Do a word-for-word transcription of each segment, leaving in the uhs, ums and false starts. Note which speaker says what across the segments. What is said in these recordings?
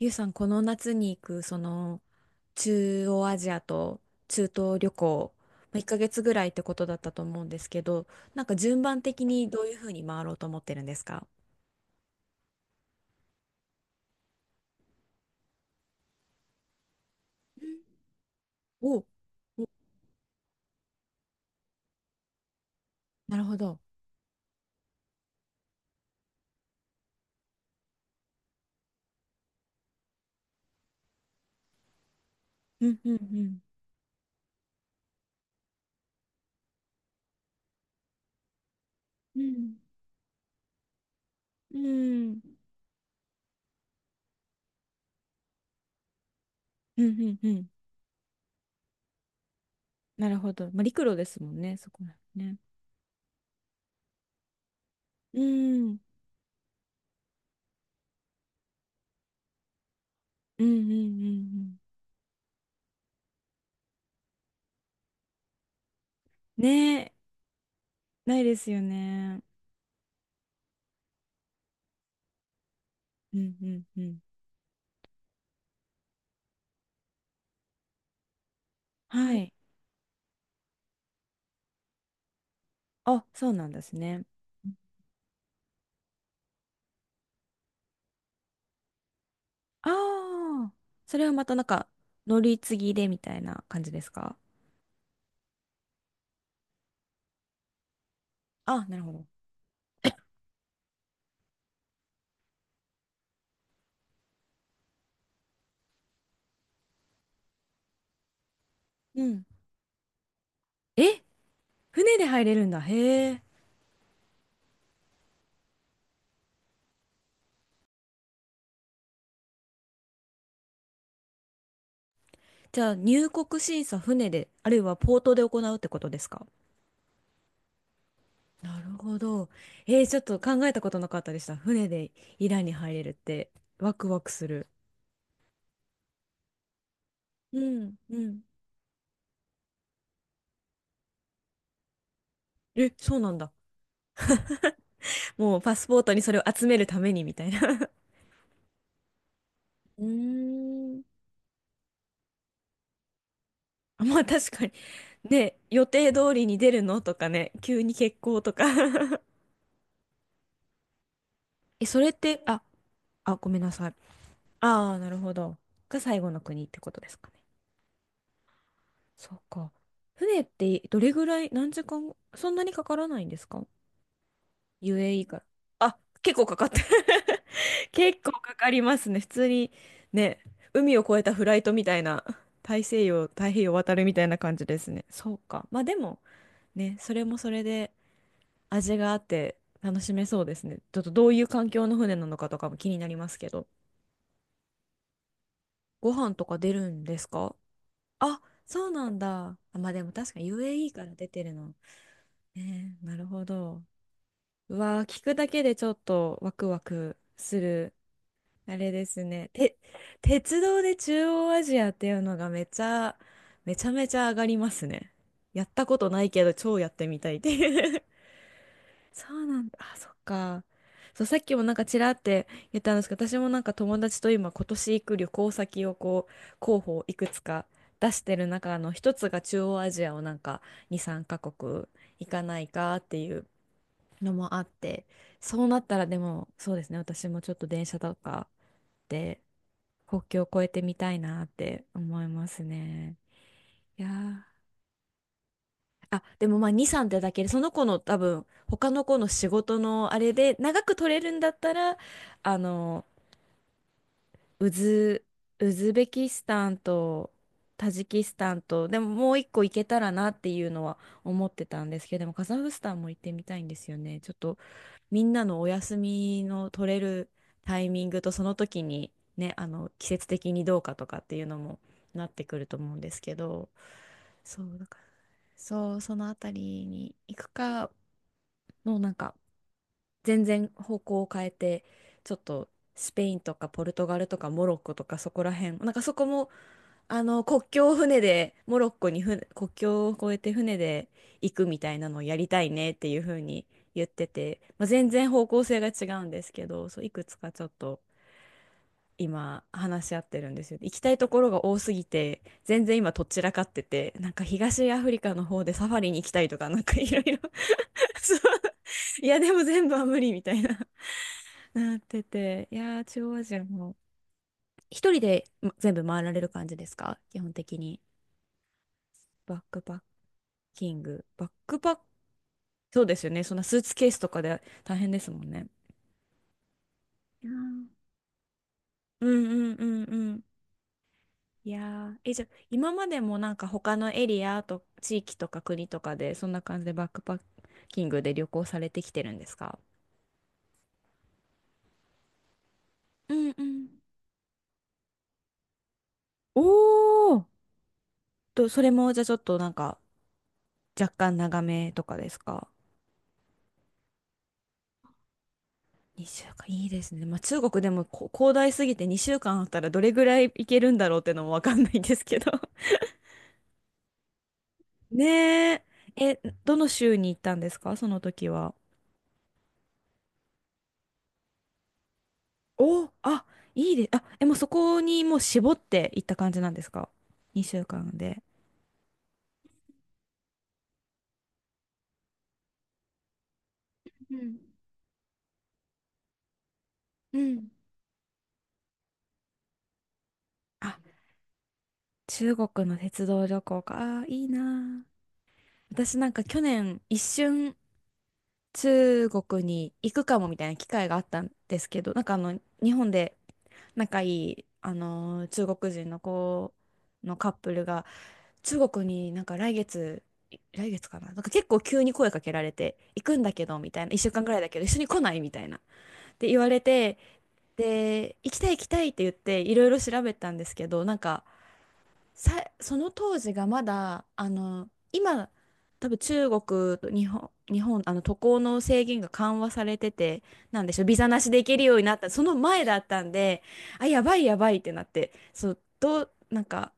Speaker 1: ゆうさん、この夏に行く、その、中央アジアと中東旅行、まあ、いっかげつぐらいってことだったと思うんですけど、なんか順番的にどういうふうに回ろうと思ってるんですか？おお、なるほど。うんうんうん。うん。うんうんうんうん。なるほど。まあ、陸路ですもんね、そこらね。うん。うんうんうんうん。ねえ、ないですよね。うんうんうん。はい。あ、そうなんですね。ああ、それはまたなんか、乗り継ぎでみたいな感じですか？あ、なるほど。うん。え、船で入れるんだ。へえ。じゃあ、入国審査船で、あるいはポートで行うってことですか？なるほど。えー、ちょっと考えたことなかったでした。船でイランに入れるって、ワクワクする。うん、うん。え、そうなんだ。もうパスポートにそれを集めるためにみたいな。うーん。まあ確かに。ね、予定通りに出るのとかね、急に欠航とか え、それって、あ、あ、ごめんなさい。ああ、なるほど。が最後の国ってことですかね。そうか。船ってどれぐらい、何時間、そんなにかからないんですか？ ユーエーイー から。あ、結構かかって 結構かかりますね。普通に、ね、海を越えたフライトみたいな、大西洋、太平洋渡るみたいな感じですね。そうか。まあでも、ね、それもそれで、味があって楽しめそうですね。ちょっとどういう環境の船なのかとかも気になりますけど。ご飯とか出るんですか？あ、そうなんだ。あ、まあでも確かに ユーエーイー から出てるの。ねえ、なるほど。うわー、聞くだけでちょっとワクワクする。あれですね。て、鉄道で中央アジアっていうのがめちゃ、めちゃめちゃ上がりますね。やったことないけど超やってみたいっていう そうなんだ。あ、そっか。そう、さっきもなんかちらって言ったんですけど、私もなんか友達と今今年行く旅行先をこう、候補をいくつか出してる中の一つが中央アジアをなんかに、さんカ国行かないかっていうのもあって、そうなったらでもそうですね、私もちょっと電車とかで国境を越えてみたいなって思いますね。いやーあ、でもまあに、さんってだけで、その子の多分、他の子の仕事のあれで、長く取れるんだったら、あの、ウズ、ウズベキスタンとタジキスタンと、でももう一個行けたらなっていうのは思ってたんですけど、でもカザフスタンも行ってみたいんですよね。ちょっとみんなのお休みの取れるタイミングとその時にね、あの季節的にどうかとかっていうのもなってくると思うんですけど、そうだから、そうそのあたりに行くかのなんか全然方向を変えてちょっとスペインとかポルトガルとかモロッコとかそこら辺なんかそこもあの、国境を船で、モロッコに船、国境を越えて船で行くみたいなのをやりたいねっていうふうに言ってて、まあ、全然方向性が違うんですけど、そう、いくつかちょっと今話し合ってるんですよ。行きたいところが多すぎて、全然今とっちらかってて、なんか東アフリカの方でサファリに行きたいとか、なんかいろいろ そう、いや、でも全部は無理みたいな、なってて、いやー、中央アジアも。一人でま全部回られる感じですか基本的に。バックパッキング。バックパッ、そうですよね。そんなスーツケースとかで大変ですもんね。いやーうんうんうんうん。いやー、え、じゃあ、今までもなんか他のエリアと地域とか国とかで、そんな感じでバックパッキングで旅行されてきてるんですか？うんうんおーと、それもじゃあちょっとなんか若干長めとかですか？ に 週間、いいですね。まあ中国でもこ広大すぎてにしゅうかんあったらどれぐらい行けるんだろうってのもわかんないんですけど。ねえ。え、どの州に行ったんですかその時は。お、あ、いいで、あ、え、もうそこにもう絞って行った感じなんですか？ に 週間で。うん。うんあ、中国の鉄道旅行か。あー、いいなあ。私なんか去年一瞬中国に行くかもみたいな機会があったんですけど、なんかあの日本で仲いいあのー中国人の子のカップルが中国になんか来月、い来月かな、なんか結構急に声かけられて、行くんだけどみたいな、一週間ぐらいだけど、一緒に来ないみたいな。って言われて、で、行きたい行きたいって言って、いろいろ調べたんですけど、なんかさ、その当時がまだ、あの、今、多分中国と日本、日本、あの渡航の制限が緩和されてて、なんでしょう、ビザなしで行けるようになった、その前だったんで、あ、やばいやばいってなって、そう、どう、なんか、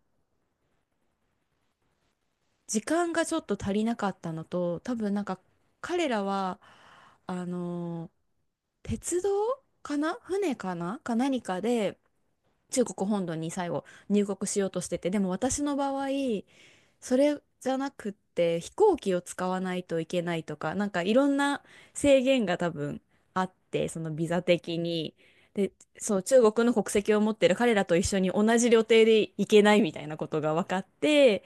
Speaker 1: 時間がちょっと足りなかったのと、多分なんか彼らは、あのー鉄道かな船かなか何かで中国本土に最後入国しようとしてて、でも私の場合、それじゃなくって飛行機を使わないといけないとか、なんかいろんな制限が多分あって、そのビザ的に。で、そう、中国の国籍を持ってる彼らと一緒に同じ旅程で行けないみたいなことが分かって、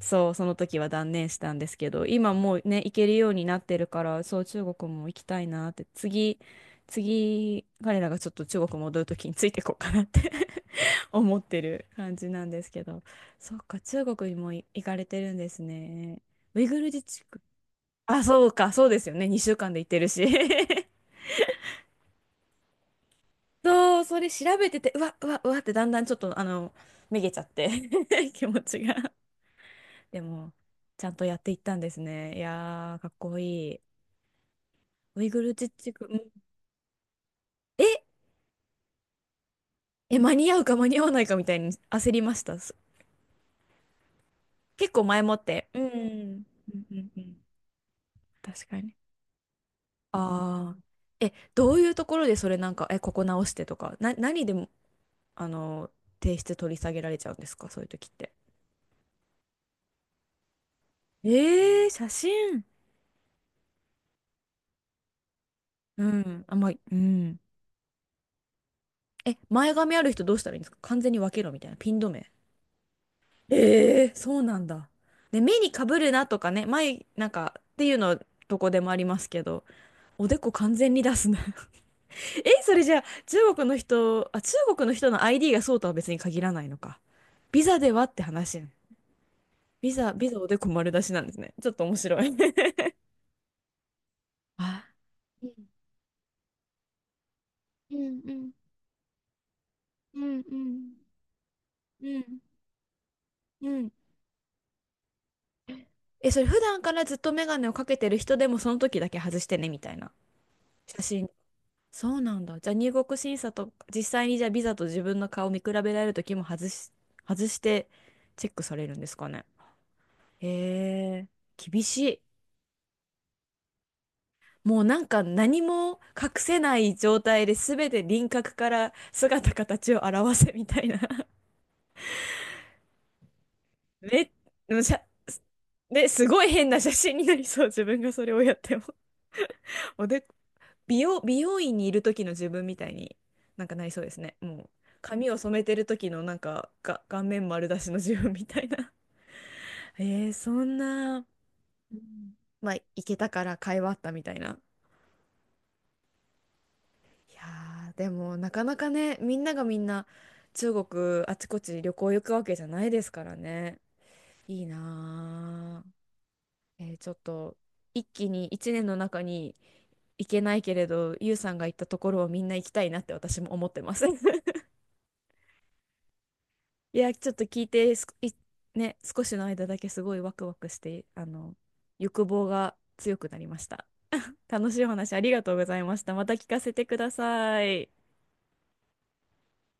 Speaker 1: そう、その時は断念したんですけど、今もうね、行けるようになってるから、そう、中国も行きたいなって、次、次、彼らがちょっと中国戻る時についていこうかなって 思ってる感じなんですけど、そっか、中国にもい行かれてるんですね。ウイグル自治区。あ、そうか、そうですよね。にしゅうかんで行ってるし。そう、それ調べてて、うわ、うわ、うわってだんだんちょっと、あの、めげちゃって 気持ちが。でも、ちゃんとやっていったんですね。いやー、かっこいい。ウイグル自治区、うんえ、え、間に合うか間に合わないかみたいに焦りました。す結構前もって。うん。うんうんうん。確かに。ああ。え、どういうところでそれなんか、え、ここ直してとか、な、何でも、あの、提出取り下げられちゃうんですか、そういう時って。えー、写真。うん。あ、まあ、うん。え、前髪ある人どうしたらいいんですか完全に分けろみたいな。ピン止め。ええそうなんだ。ね、目にかぶるなとかね、前、なんか、っていうの、どこでもありますけど、おでこ完全に出すな え、それじゃあ、中国の人、あ、中国の人の アイディー がそうとは別に限らないのか。ビザではって話やん。ビザ、ビザおでこ丸出しなんですね。ちょっと面白い あ、うんうんうんうんうんうんえ、それ普段からずっとメガネをかけてる人でもその時だけ外してね、みたいな。写真そうなんだ。じゃあ入国審査と、実際にじゃあビザと自分の顔を見比べられるときも外し、外してチェックされるんですかね。へえ、厳しい。もうなんか何も隠せない状態で全て輪郭から姿形を表せみたいな。め、むしゃ、ね、すごい変な写真になりそう。自分がそれをやっても。おで美容、美容院にいる時の自分みたいになんかなりそうですね。もう髪を染めてる時のなんかが顔面丸出しの自分みたいな えー、そんな、うんまあ、行けたから会話あったみたいな。いやーでもなかなかね、みんながみんな中国あちこち旅行行くわけじゃないですからね。いいなー。えーちょっと一気に一年の中に行けないけれど、ゆうさんが行ったところをみんな行きたいなって私も思ってます。いや、ちょっと聞いてすこ、い、ね、少しの間だけすごいワクワクして、あの、欲望が強くなりました。楽しいお話ありがとうございました。また聞かせてください。